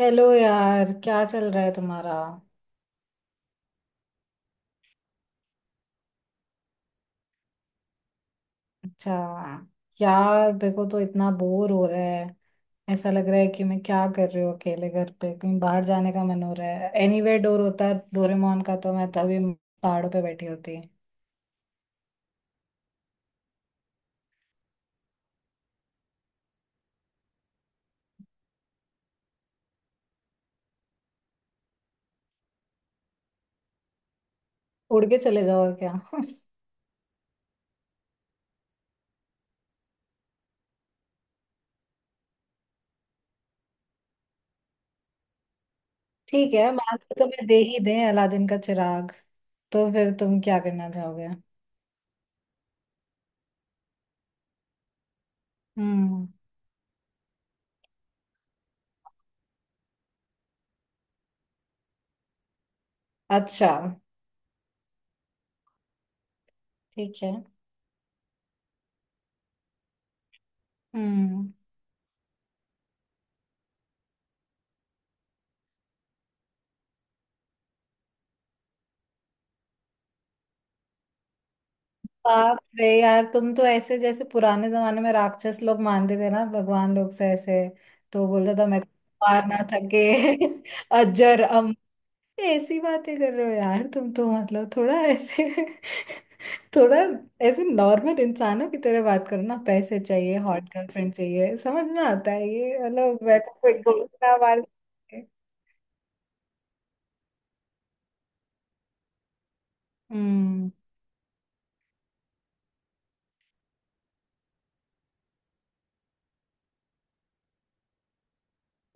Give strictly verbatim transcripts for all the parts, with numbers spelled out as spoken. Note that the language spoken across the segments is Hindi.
हेलो यार, क्या चल रहा है तुम्हारा। अच्छा। यार, मेरे को तो इतना बोर हो रहा है। ऐसा लग रहा है कि मैं क्या कर रही हूँ अकेले घर पे। कहीं बाहर जाने का मन हो रहा है। एनीवेयर डोर होता है डोरेमोन का तो मैं तभी पहाड़ों पे बैठी होती। उड़ के चले जाओ और क्या। ठीक है, मान लो तुम्हें दे ही दें अलादीन का चिराग, तो फिर तुम क्या करना चाहोगे? हम्म। अच्छा। ठीक है। हम्म। बाप रे यार, तुम तो ऐसे जैसे पुराने जमाने में राक्षस लोग मानते थे ना भगवान लोग से, ऐसे तो बोलता था मैं मार ना सके। अजर अम। ऐसी बातें कर रहे हो यार तुम, तो मतलब थोड़ा ऐसे थोड़ा ऐसे। नॉर्मल इंसानों की तरह बात करो ना। पैसे चाहिए, हॉट गर्लफ्रेंड चाहिए, समझ में आता है ये। मतलब मैं को कोई गोल ना मार सके। हम्म।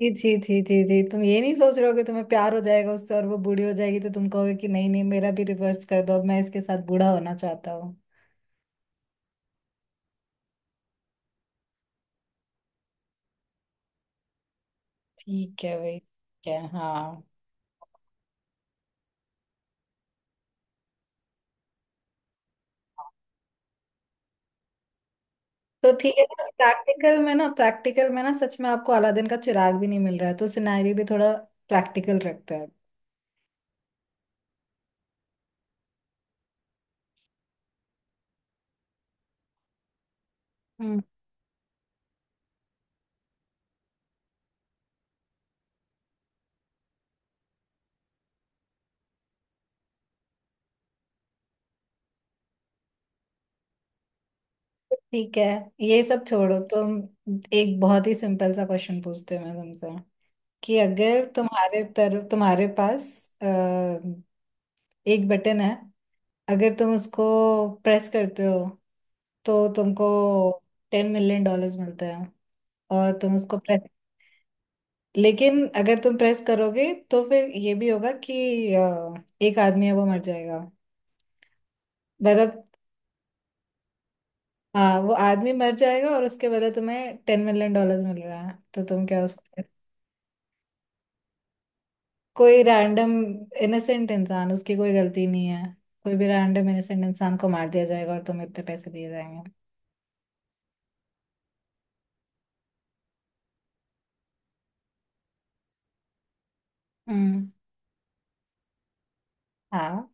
जी जी जी जी जी, तुम ये नहीं सोच रहे हो कि तुम्हें प्यार हो जाएगा उससे और वो बूढ़ी हो जाएगी, तो तुम कहोगे कि नहीं नहीं, मेरा भी रिवर्स कर दो, अब मैं इसके साथ बूढ़ा होना चाहता हूँ। ठीक है भाई, ठीक है, हाँ। तो ठीक है, प्रैक्टिकल में ना प्रैक्टिकल में ना सच में आपको अलादीन का चिराग भी नहीं मिल रहा है तो सिनेरियो भी थोड़ा प्रैक्टिकल रखता है। हम्म। ठीक है, ये सब छोड़ो तुम। एक बहुत ही सिंपल सा क्वेश्चन पूछते हो मैं तुमसे कि अगर तुम्हारे तरफ तुम्हारे पास अ, एक बटन है, अगर तुम उसको प्रेस करते हो तो तुमको टेन मिलियन डॉलर्स मिलते हैं, और तुम उसको प्रेस, लेकिन अगर तुम प्रेस करोगे तो फिर ये भी होगा कि अ, एक आदमी है वो मर जाएगा। मतलब। हाँ, वो आदमी मर जाएगा और उसके बदले तुम्हें टेन मिलियन डॉलर्स मिल रहा है, तो तुम क्या उसको। कोई रैंडम इनोसेंट इंसान, उसकी कोई गलती नहीं है। कोई भी रैंडम इनोसेंट इंसान को मार दिया जाएगा और तुम्हें इतने पैसे दिए जाएंगे। हम्म। हाँ।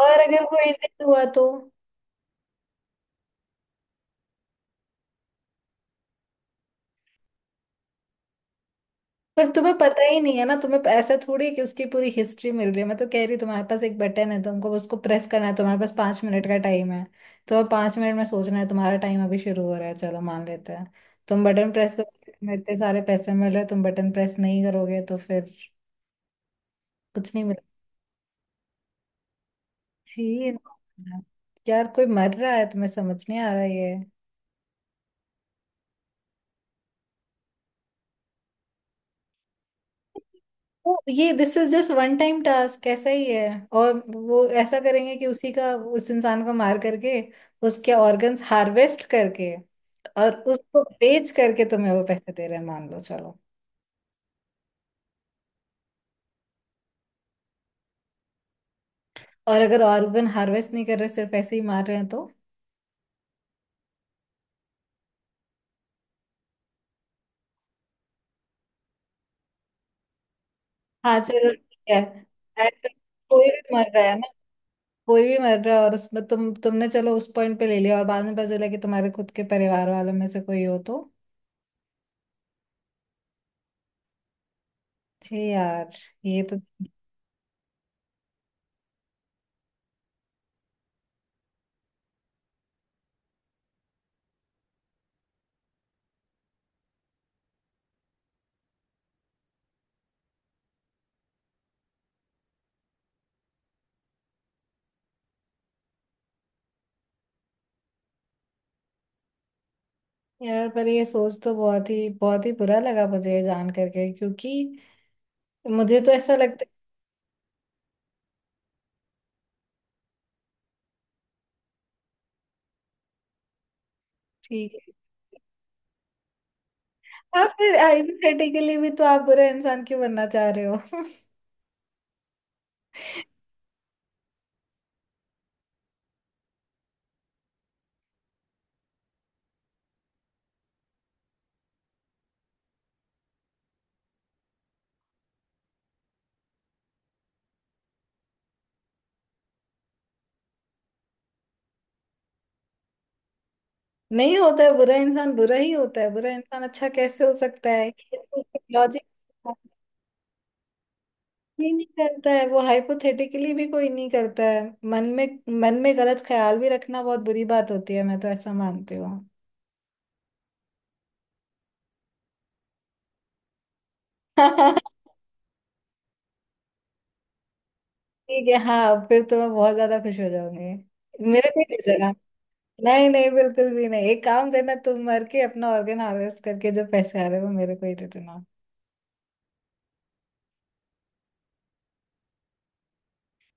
और अगर वो इंडियन हुआ तो? पर तुम्हें पता ही नहीं है ना, तुम्हें ऐसा थोड़ी है कि उसकी पूरी हिस्ट्री मिल रही है। मैं तो कह रही हूँ, तुम्हारे पास एक बटन है, तुमको बस उसको प्रेस करना है, तुम्हारे पास पांच मिनट का टाइम है। तो अब पांच मिनट में सोचना है। तुम्हारा टाइम अभी शुरू हो रहा है। चलो मान लेते हैं, तुम बटन प्रेस करोगे तुम्हें इतने सारे पैसे मिल रहे हैं, तुम बटन प्रेस नहीं करोगे तो फिर कुछ नहीं। थी ना। यार, कोई मर रहा है, तुम्हें समझ नहीं आ रहा ये। वो ये, this is just one time task, ऐसा ही है। और वो ऐसा करेंगे कि उसी का उस इंसान को मार करके उसके ऑर्गन्स हार्वेस्ट करके और उसको बेच करके तुम्हें वो पैसे दे रहे हैं, मान लो, चलो। और अगर ऑर्गन हार्वेस्ट नहीं कर रहे सिर्फ ऐसे ही मार रहे हैं तो? हाँ चलो ठीक है। ऐसे कोई भी मर रहा है ना, कोई भी मर रहा है। और उसमें तुम तुमने चलो उस पॉइंट पे ले लिया, और बाद में पता चला कि तुम्हारे खुद के परिवार वालों में से कोई हो तो? थे यार। ये तो। यार, पर ये सोच तो बहुत ही बहुत ही बुरा लगा मुझे ये जान करके, क्योंकि मुझे तो ऐसा लगता है। ठीक है, आप फिर हाइपोथेटिकली भी तो आप बुरा इंसान क्यों बनना चाह रहे हो? नहीं होता है, बुरा इंसान बुरा ही होता है, बुरा इंसान अच्छा कैसे हो सकता है। लॉजिक ही नहीं करता है, वो हाइपोथेटिकली भी कोई नहीं करता है। मन में मन में गलत ख्याल भी रखना बहुत बुरी बात होती है, मैं तो ऐसा मानती हूँ। ठीक है हाँ, फिर तो मैं बहुत ज्यादा खुश हो जाऊंगी। मेरे को ही दे देना। नहीं नहीं, बिल्कुल भी नहीं, एक काम करना, तुम मर के अपना ऑर्गन हार्वेस्ट करके जो पैसे आ रहे हैं वो मेरे को ही दे देना।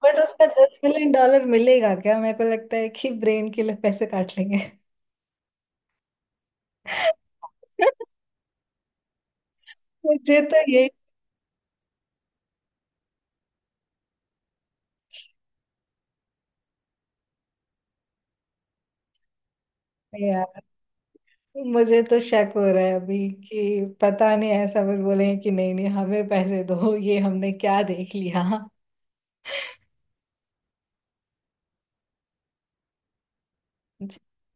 बट उसका दस मिलियन डॉलर मिलेगा क्या? मेरे को लगता है कि ब्रेन के लिए पैसे काट लेंगे। मुझे तो यही। नहीं यार, मुझे तो शक हो रहा है अभी कि पता नहीं, ऐसा फिर बोले कि नहीं नहीं, हमें पैसे दो, ये हमने क्या देख लिया।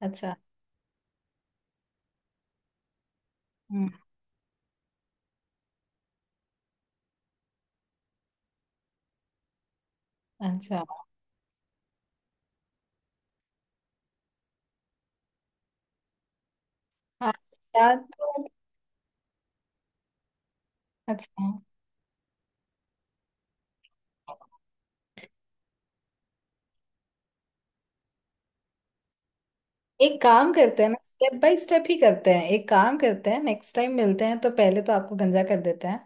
अच्छा। हम्म, अच्छा। हाँ, याद तो। अच्छा। एक काम करते हैं ना, स्टेप बाय स्टेप ही करते हैं। एक काम करते हैं, नेक्स्ट टाइम मिलते हैं तो पहले तो आपको गंजा कर देते हैं।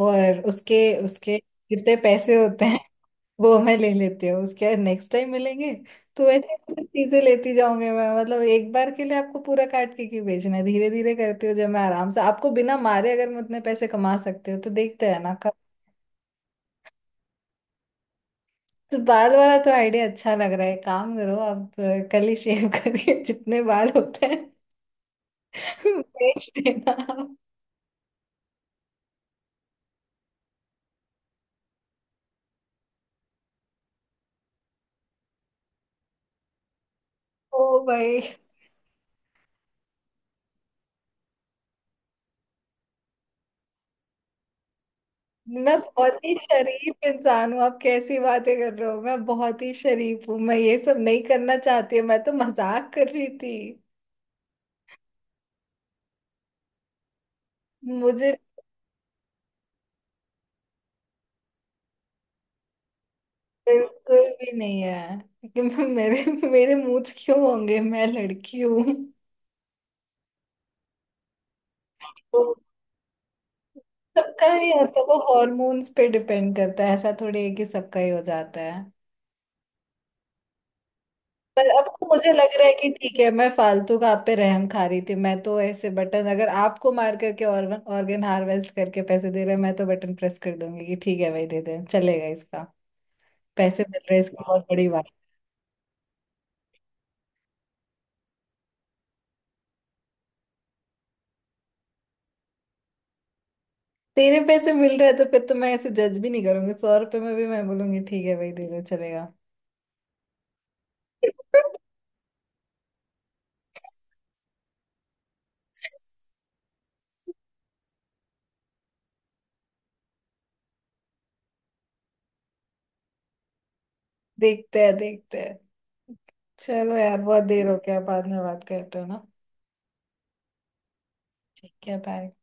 और उसके उसके जितने पैसे होते हैं वो मैं ले लेती हूँ, उसके नेक्स्ट टाइम मिलेंगे तो ऐसे कुछ चीजें लेती जाऊंगी मैं। मतलब एक बार के लिए आपको पूरा काट के क्यों बेचना है, धीरे धीरे करती हूँ, जब मैं आराम से आपको बिना मारे अगर मैं उतने पैसे कमा सकती हूँ तो देखते हैं ना कब। तो बाल वाला तो आइडिया अच्छा लग रहा है, काम करो आप, अ, कल ही शेव करके जितने बाल होते हैं बेच देना। ओ भाई, मैं बहुत ही शरीफ इंसान हूँ, आप कैसी बातें कर रहे हो। मैं बहुत ही शरीफ हूँ, मैं ये सब नहीं करना चाहती, मैं तो मजाक कर रही थी। मुझे बिल्कुल भी नहीं है कि मैं- मेरे मेरे मूड क्यों होंगे, मैं लड़की हूँ। तो सबका नहीं होता, वो हॉर्मोन्स पे डिपेंड करता है, ऐसा थोड़ी है कि सबका ही हो जाता है। पर अब तो मुझे लग रहा है कि ठीक है, मैं फालतू का आप पे रहम खा रही थी, मैं तो ऐसे बटन अगर आपको मार करके ऑर्गन ऑर्गन हार्वेस्ट करके पैसे दे रहे हैं, मैं तो बटन प्रेस कर दूंगी कि ठीक है भाई दे दे चलेगा इसका। पैसे मिल रहे हैं, इसकी बहुत बड़ी बात। तेरे पैसे मिल रहे हैं तो फिर तो मैं ऐसे जज भी नहीं करूंगी, सौ रुपए में भी मैं बोलूंगी ठीक है भाई दे दे चलेगा। देखते हैं देखते हैं, चलो यार, बहुत देर हो गया, बाद में बात करते हैं ना। ठीक है बाय।